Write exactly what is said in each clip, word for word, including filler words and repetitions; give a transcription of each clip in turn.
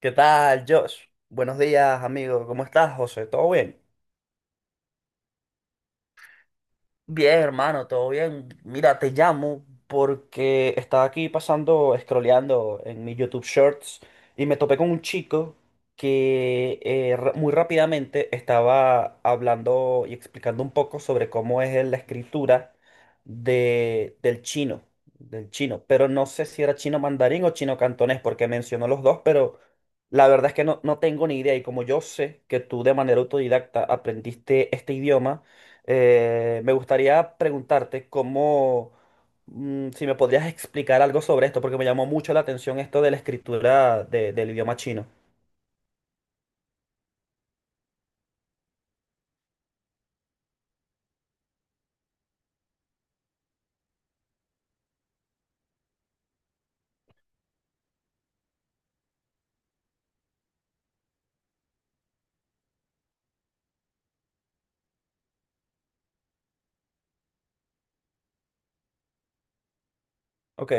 ¿Qué tal, Josh? Buenos días, amigo. ¿Cómo estás, José? ¿Todo bien? Bien, hermano, todo bien. Mira, te llamo porque estaba aquí pasando, scrolleando en mi YouTube Shorts y me topé con un chico que eh, ra- muy rápidamente estaba hablando y explicando un poco sobre cómo es la escritura de, del chino, del chino. Pero no sé si era chino mandarín o chino cantonés porque mencionó los dos, pero la verdad es que no, no tengo ni idea. Y como yo sé que tú de manera autodidacta aprendiste este idioma, eh, me gustaría preguntarte cómo, mm, si me podrías explicar algo sobre esto, porque me llamó mucho la atención esto de la escritura de- del idioma chino. Ok,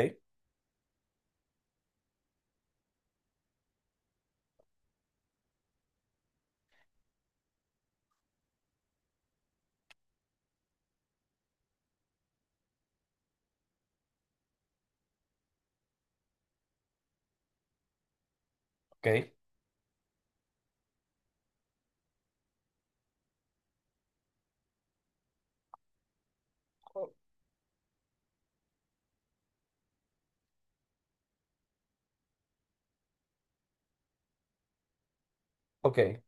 ok, ok.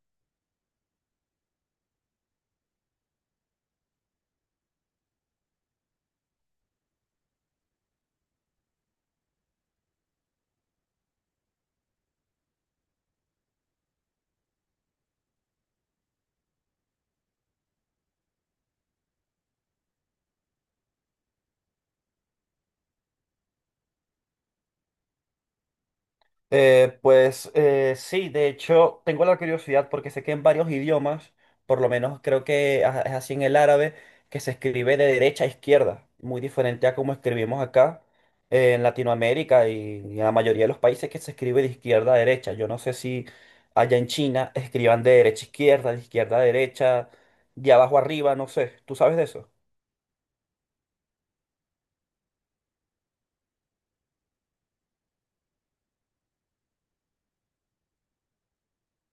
Eh, pues eh, sí, de hecho tengo la curiosidad porque sé que en varios idiomas, por lo menos creo que a- es así en el árabe, que se escribe de derecha a izquierda, muy diferente a como escribimos acá eh, en Latinoamérica y, y en la mayoría de los países que se escribe de izquierda a derecha. Yo no sé si allá en China escriban de derecha a izquierda, de izquierda a derecha, de abajo arriba, no sé, ¿tú sabes de eso?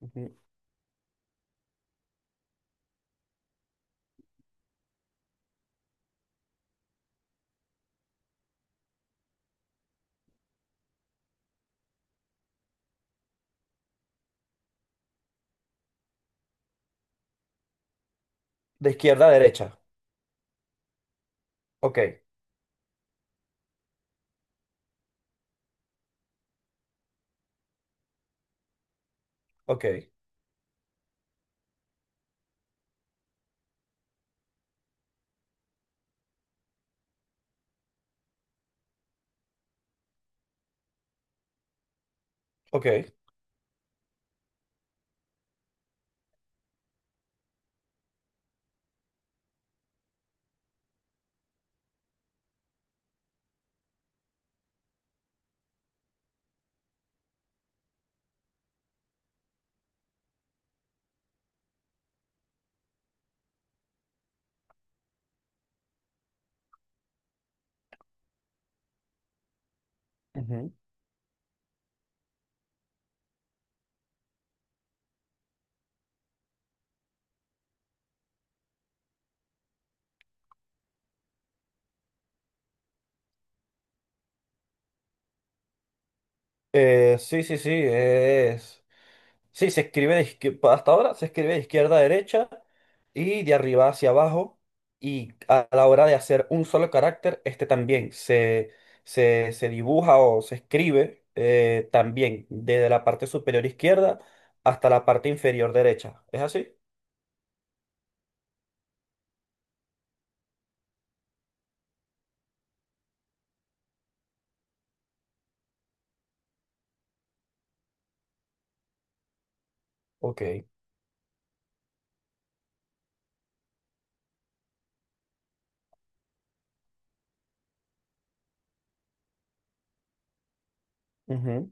Ujú. De izquierda a derecha, ok, ok, ok. Ujú. Eh, sí, sí, sí, es. Sí, se escribe de izquier- pa- hasta ahora se escribe de izquierda a derecha y de arriba hacia abajo. Y a la hora de hacer un solo carácter, este también se, se, se dibuja o se escribe eh, también desde la parte superior izquierda hasta la parte inferior derecha. ¿Es así? Ok. Ujú,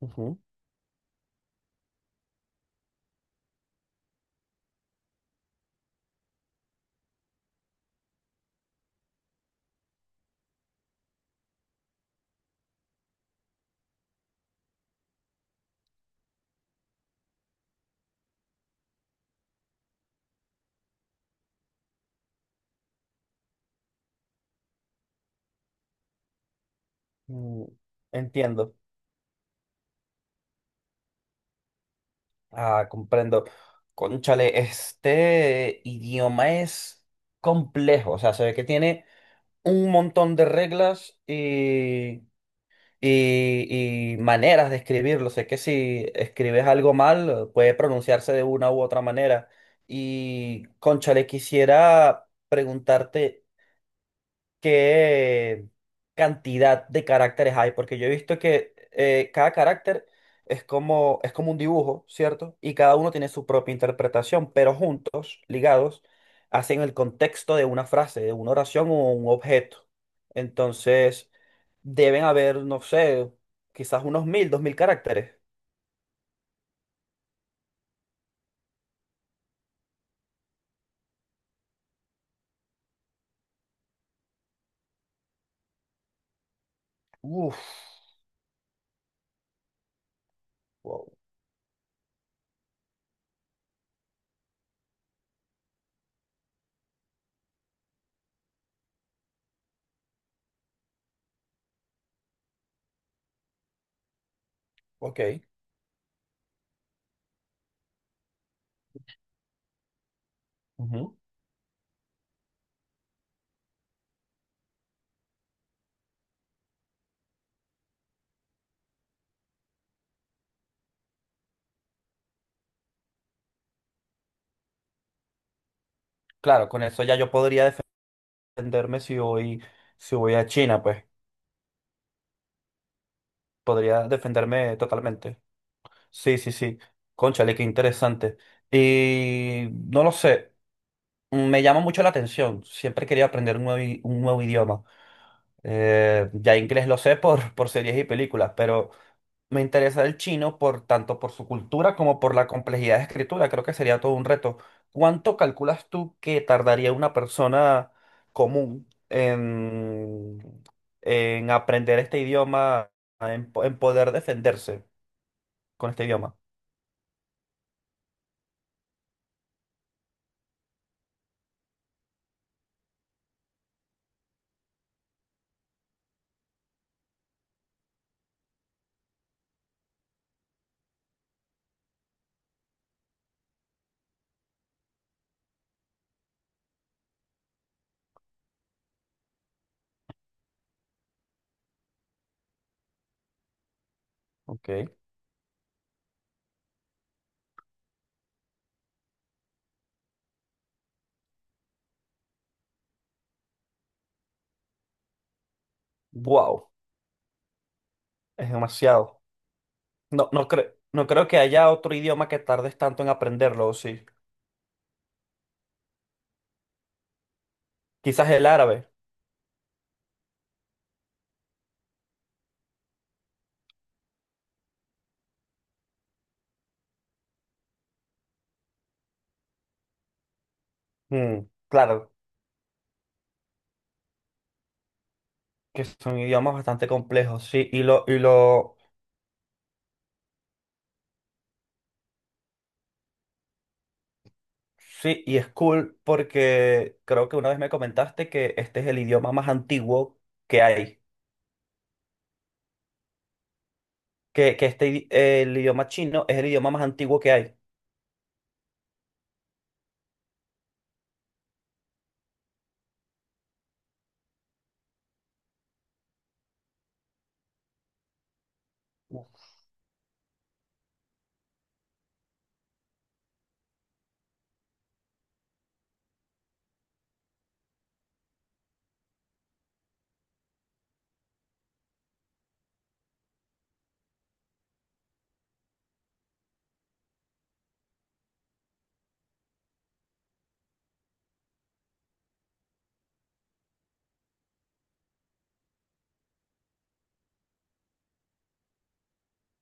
ujú. Mm, entiendo. Ah, comprendo. Cónchale, este idioma es complejo. O sea, se ve que tiene un montón de reglas y, y- y maneras de escribirlo. Sé que si escribes algo mal, puede pronunciarse de una u otra manera. Y, cónchale, quisiera preguntarte qué cantidad de caracteres hay, porque yo he visto que eh, cada carácter es como, es como un dibujo, ¿cierto? Y cada uno tiene su propia interpretación, pero juntos, ligados, hacen el contexto de una frase, de una oración o un objeto. Entonces, deben haber, no sé, quizás unos mil, dos mil caracteres. Uf, wow, ok. Ujú. Claro, con eso ya yo podría defenderme si voy, si voy a China, pues podría defenderme totalmente. Sí, sí, sí. Cónchale, qué interesante. Y no lo sé, me llama mucho la atención. Siempre quería aprender un nuevo, i- un nuevo idioma. Eh, ya inglés lo sé por, por series y películas, pero me interesa el chino por tanto por su cultura como por la complejidad de escritura. Creo que sería todo un reto. ¿Cuánto calculas tú que tardaría una persona común en, en aprender este idioma, en, po- en poder defenderse con este idioma? Ok. Wow. Es demasiado. No, no creo, no creo que haya otro idioma que tardes tanto en aprenderlo, ¿o sí? Quizás el árabe. Mm, claro, que son idiomas bastante complejos, sí. Y lo, y lo, sí, y es cool porque creo que una vez me comentaste que este es el idioma más antiguo que hay. Que, que este, idi- el idioma chino es el idioma más antiguo que hay.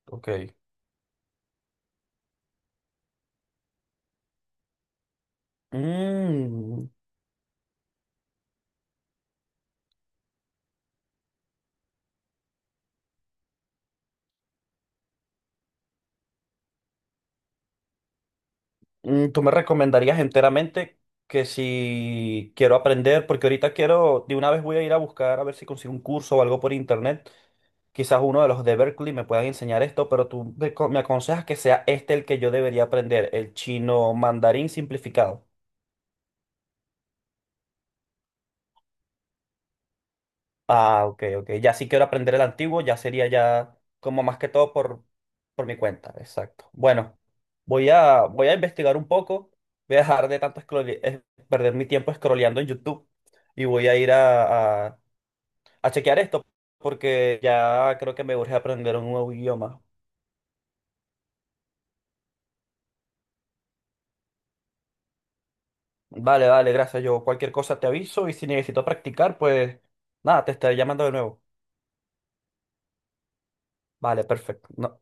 Ok. Mm, mm, ¿tú me recomendarías enteramente que si quiero aprender, porque ahorita quiero, de una vez voy a ir a buscar a ver si consigo un curso o algo por internet, quizás uno de los de Berkeley me puedan enseñar esto, pero tú me co- me aconsejas que sea este el que yo debería aprender, el chino mandarín simplificado? Ah, ok, ok. Ya si quiero aprender el antiguo, ya sería ya como más que todo por, por mi cuenta. Exacto. Bueno, voy a, voy a investigar un poco. Voy a dejar de tanto scrolle- eh, perder mi tiempo scrolleando en YouTube y voy a ir a, a, a chequear esto porque ya creo que me urge aprender un nuevo idioma. Vale, vale, gracias. Yo cualquier cosa te aviso y si necesito practicar, pues nada, te estaré llamando de nuevo. Vale, perfecto. No-